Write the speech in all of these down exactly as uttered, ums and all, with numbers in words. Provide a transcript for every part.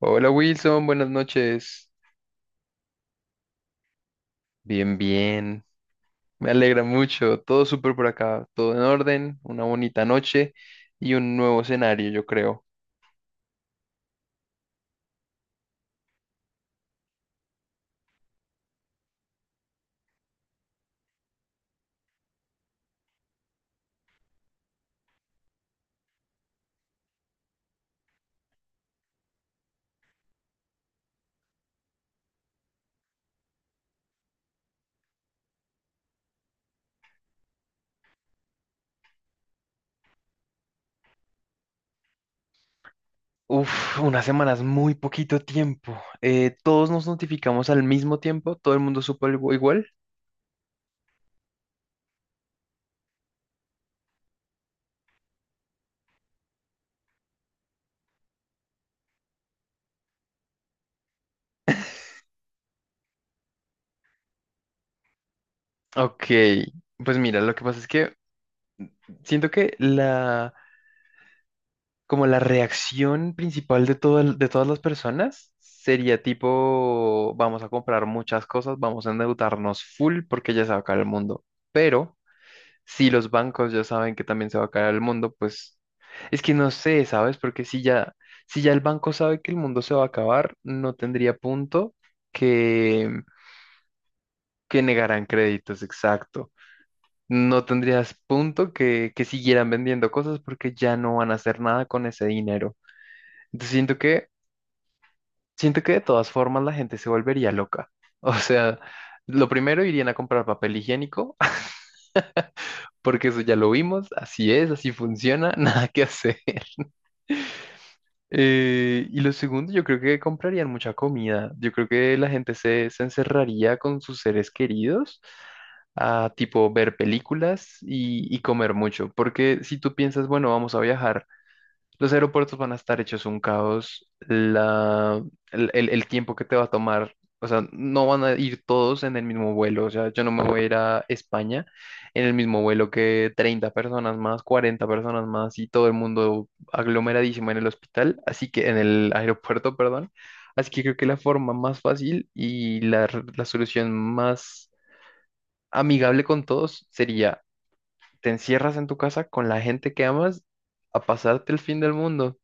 Hola Wilson, buenas noches. Bien, bien. Me alegra mucho. Todo súper por acá. Todo en orden. Una bonita noche y un nuevo escenario, yo creo. Uf, unas semanas, muy poquito tiempo. Eh, todos nos notificamos al mismo tiempo. Todo el mundo supo algo igual. Ok, pues mira, lo que pasa es que siento que la como la reacción principal de todo el- de todas las personas sería tipo, vamos a comprar muchas cosas, vamos a endeudarnos full porque ya se va a acabar el mundo. Pero si los bancos ya saben que también se va a acabar el mundo, pues es que no sé, ¿sabes? Porque si ya, si ya el banco sabe que el mundo se va a acabar, no tendría punto que, que negaran créditos, exacto. No tendrías punto que, que siguieran vendiendo cosas porque ya no van a hacer nada con ese dinero. Entonces siento que Siento que de todas formas la gente se volvería loca. O sea, lo primero irían a comprar papel higiénico, porque eso ya lo vimos, así es, así funciona, nada que hacer. Eh, y lo segundo, yo creo que comprarían mucha comida. Yo creo que la gente se, se encerraría con sus seres queridos a tipo ver películas y, y comer mucho, porque si tú piensas, bueno, vamos a viajar. Los aeropuertos van a estar hechos un caos. La, el, el- el tiempo que te va a tomar, o sea, no van a ir todos en el mismo vuelo. O sea, yo no me voy a ir a España en el mismo vuelo que treinta personas más, cuarenta personas más y todo el mundo aglomeradísimo en el hospital, así que en el aeropuerto, perdón. Así que creo que la forma más fácil y la, r- la solución más amigable con todos sería, te encierras en tu casa con la gente que amas a pasarte el fin del mundo.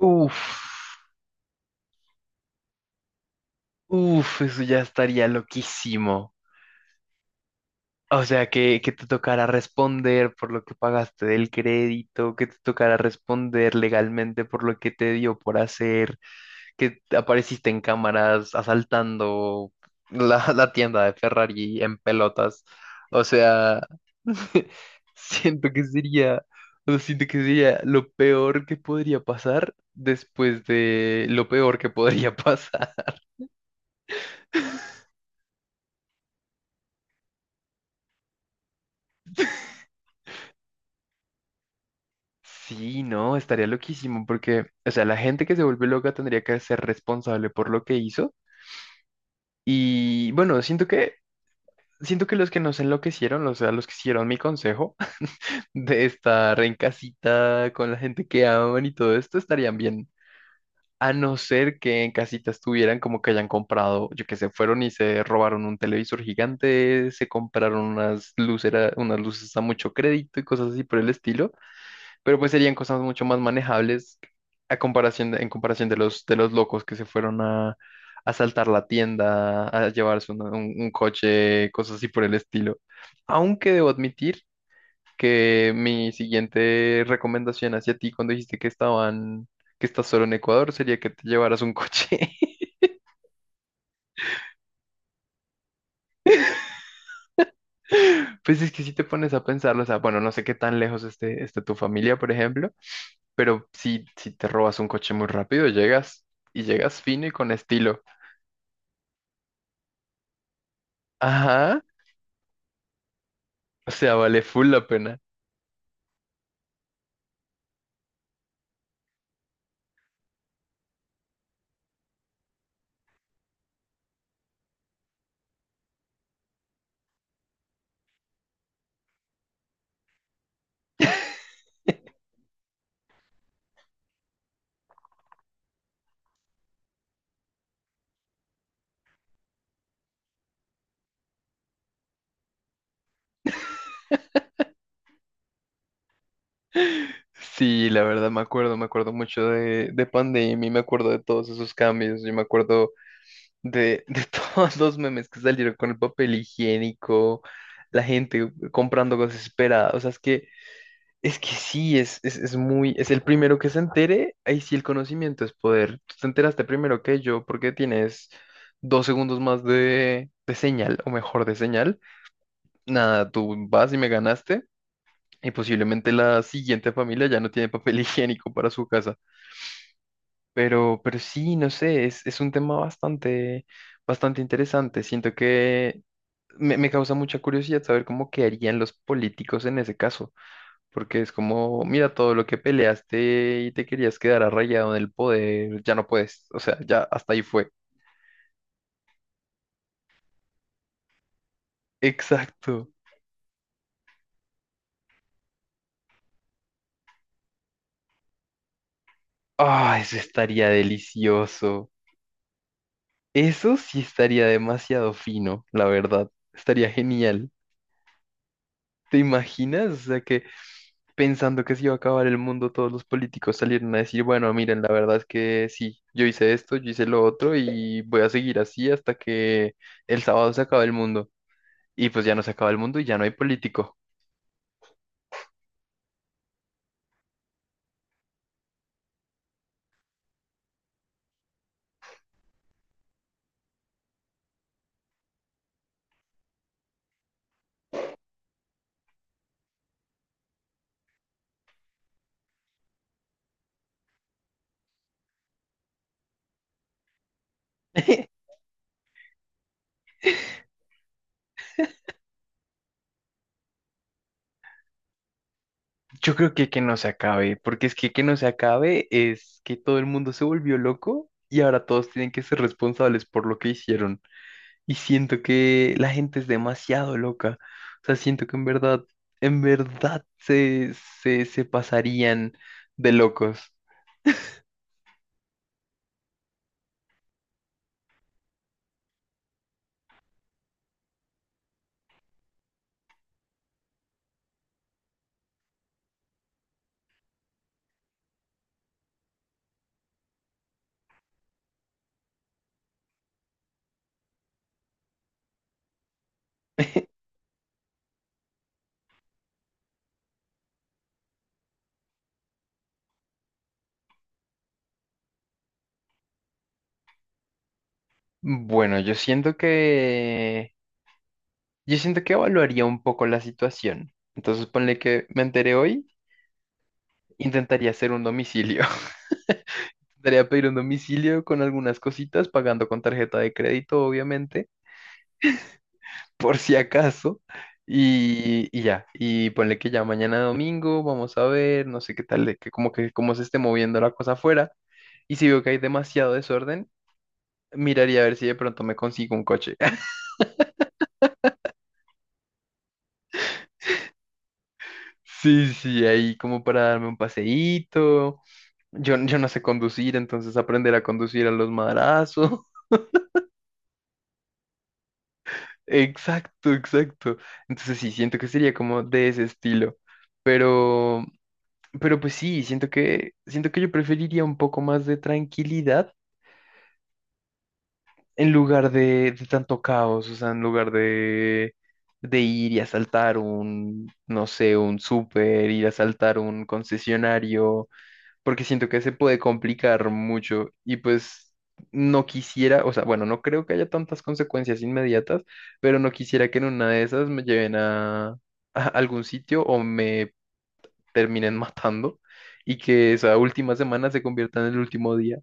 Uf, uf, eso ya estaría loquísimo. O sea, que, que, te tocara responder por lo que pagaste del crédito, que te tocara responder legalmente por lo que te dio por hacer, que apareciste en cámaras asaltando la, la tienda de Ferrari en pelotas. O sea, siento que sería, o sea, siento que sería lo peor que podría pasar después de lo peor que podría pasar. Sí, no, estaría loquísimo porque, o sea, la gente que se vuelve loca tendría que ser responsable por lo que hizo. Y bueno, siento que, siento que los que nos enloquecieron, o sea, los que hicieron mi consejo de estar en casita con la gente que aman y todo esto, estarían bien. A no ser que en casita estuvieran como que hayan comprado, yo que se fueron y se robaron un televisor gigante, se compraron unas luceras, unas luces a mucho crédito y cosas así por el estilo. Pero pues serían cosas mucho más manejables a comparación de- en comparación de los, de los, locos que se fueron a, a asaltar la tienda, a llevarse una- un, un coche, cosas así por el estilo. Aunque debo admitir que mi siguiente recomendación hacia ti cuando dijiste que estaban, que estás solo en Ecuador, sería que te llevaras un coche. Pues es que si te pones a pensarlo, o sea, bueno, no sé qué tan lejos esté, esté, tu familia, por ejemplo, pero si, si te robas un coche muy rápido, llegas y llegas fino y con estilo. Ajá, o sea, vale full la pena. Sí, la verdad me acuerdo, me acuerdo mucho de, de Pandemia, me acuerdo de todos esos cambios, yo me acuerdo de, de todos los memes que salieron con el papel higiénico, la gente comprando cosas desesperada, o sea, es que, es que, sí, es, es, es muy, es el primero que se entere, ahí sí el conocimiento es poder. Tú te enteraste primero que yo porque tienes dos segundos más de, de señal, o mejor de señal. Nada, tú vas y me ganaste. Y posiblemente la siguiente familia ya no tiene papel higiénico para su casa. Pero, pero sí, no sé, es, es un tema bastante, bastante interesante. Siento que me, me causa mucha curiosidad saber cómo qué harían los políticos en ese caso. Porque es como, mira, todo lo que peleaste y te querías quedar arraigado en el poder, ya no puedes. O sea, ya hasta ahí fue. Exacto. Ah, eso estaría delicioso. Eso sí estaría demasiado fino, la verdad. Estaría genial. ¿Te imaginas? O sea, que pensando que se iba a acabar el mundo, todos los políticos salieron a decir, bueno, miren, la verdad es que sí, yo hice esto, yo hice lo otro y voy a seguir así hasta que el sábado se acabe el mundo. Y pues ya no se acaba el mundo y ya no hay político. Yo creo que que no se acabe, porque es que que no se acabe es que todo el mundo se volvió loco y ahora todos tienen que ser responsables por lo que hicieron. Y siento que la gente es demasiado loca. O sea, siento que en verdad, en verdad se, se, se pasarían de locos. Bueno, yo siento que, yo siento que evaluaría un poco la situación. Entonces, ponle que me enteré hoy, intentaría hacer un domicilio. Intentaría pedir un domicilio con algunas cositas, pagando con tarjeta de crédito, obviamente. por si acaso. Y, y ya, y ponle que ya mañana domingo, vamos a ver, no sé qué tal, de que como que cómo se esté moviendo la cosa afuera. Y si veo que hay demasiado desorden, miraría a ver si de pronto me consigo un coche. Sí, sí, ahí como para darme un paseíto. Yo, yo no sé conducir, entonces aprender a conducir a los madrazos. Exacto, exacto. Entonces sí, siento que sería como de ese estilo. Pero, Pero pues sí, siento que, siento que yo preferiría un poco más de tranquilidad en lugar de, de tanto caos, o sea, en lugar de, de ir y asaltar un, no sé, un súper, ir a asaltar un concesionario, porque siento que se puede complicar mucho y pues no quisiera, o sea, bueno, no creo que haya tantas consecuencias inmediatas, pero no quisiera que en una de esas me lleven a, a algún sitio o me terminen matando y que esa última semana se convierta en el último día.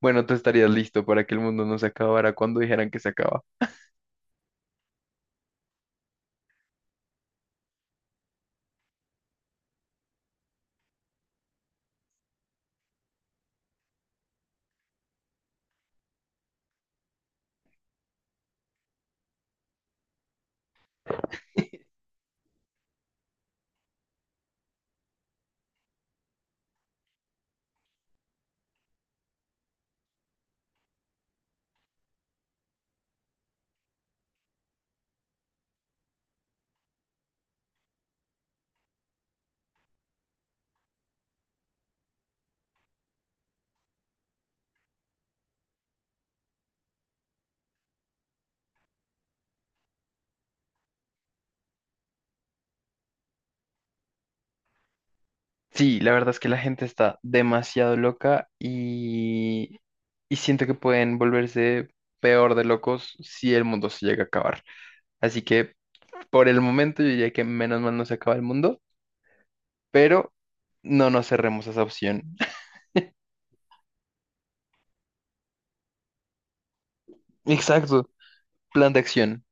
Bueno, tú estarías listo para que el mundo no se acabara cuando dijeran que se acaba. Sí, la verdad es que la gente está demasiado loca y, y siento que pueden volverse peor de locos si el mundo se llega a acabar. Así que por el momento yo diría que menos mal no se acaba el mundo, pero no nos cerremos a esa opción. Exacto, plan de acción.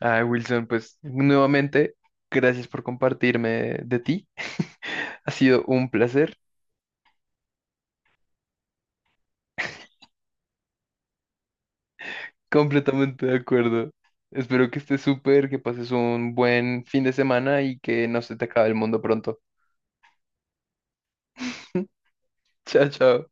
Ah, Wilson, pues nuevamente, gracias por compartirme de ti. Ha sido un placer, completamente de acuerdo. Espero que estés súper, que pases un buen fin de semana y que no se te acabe el mundo pronto. Chao, chao.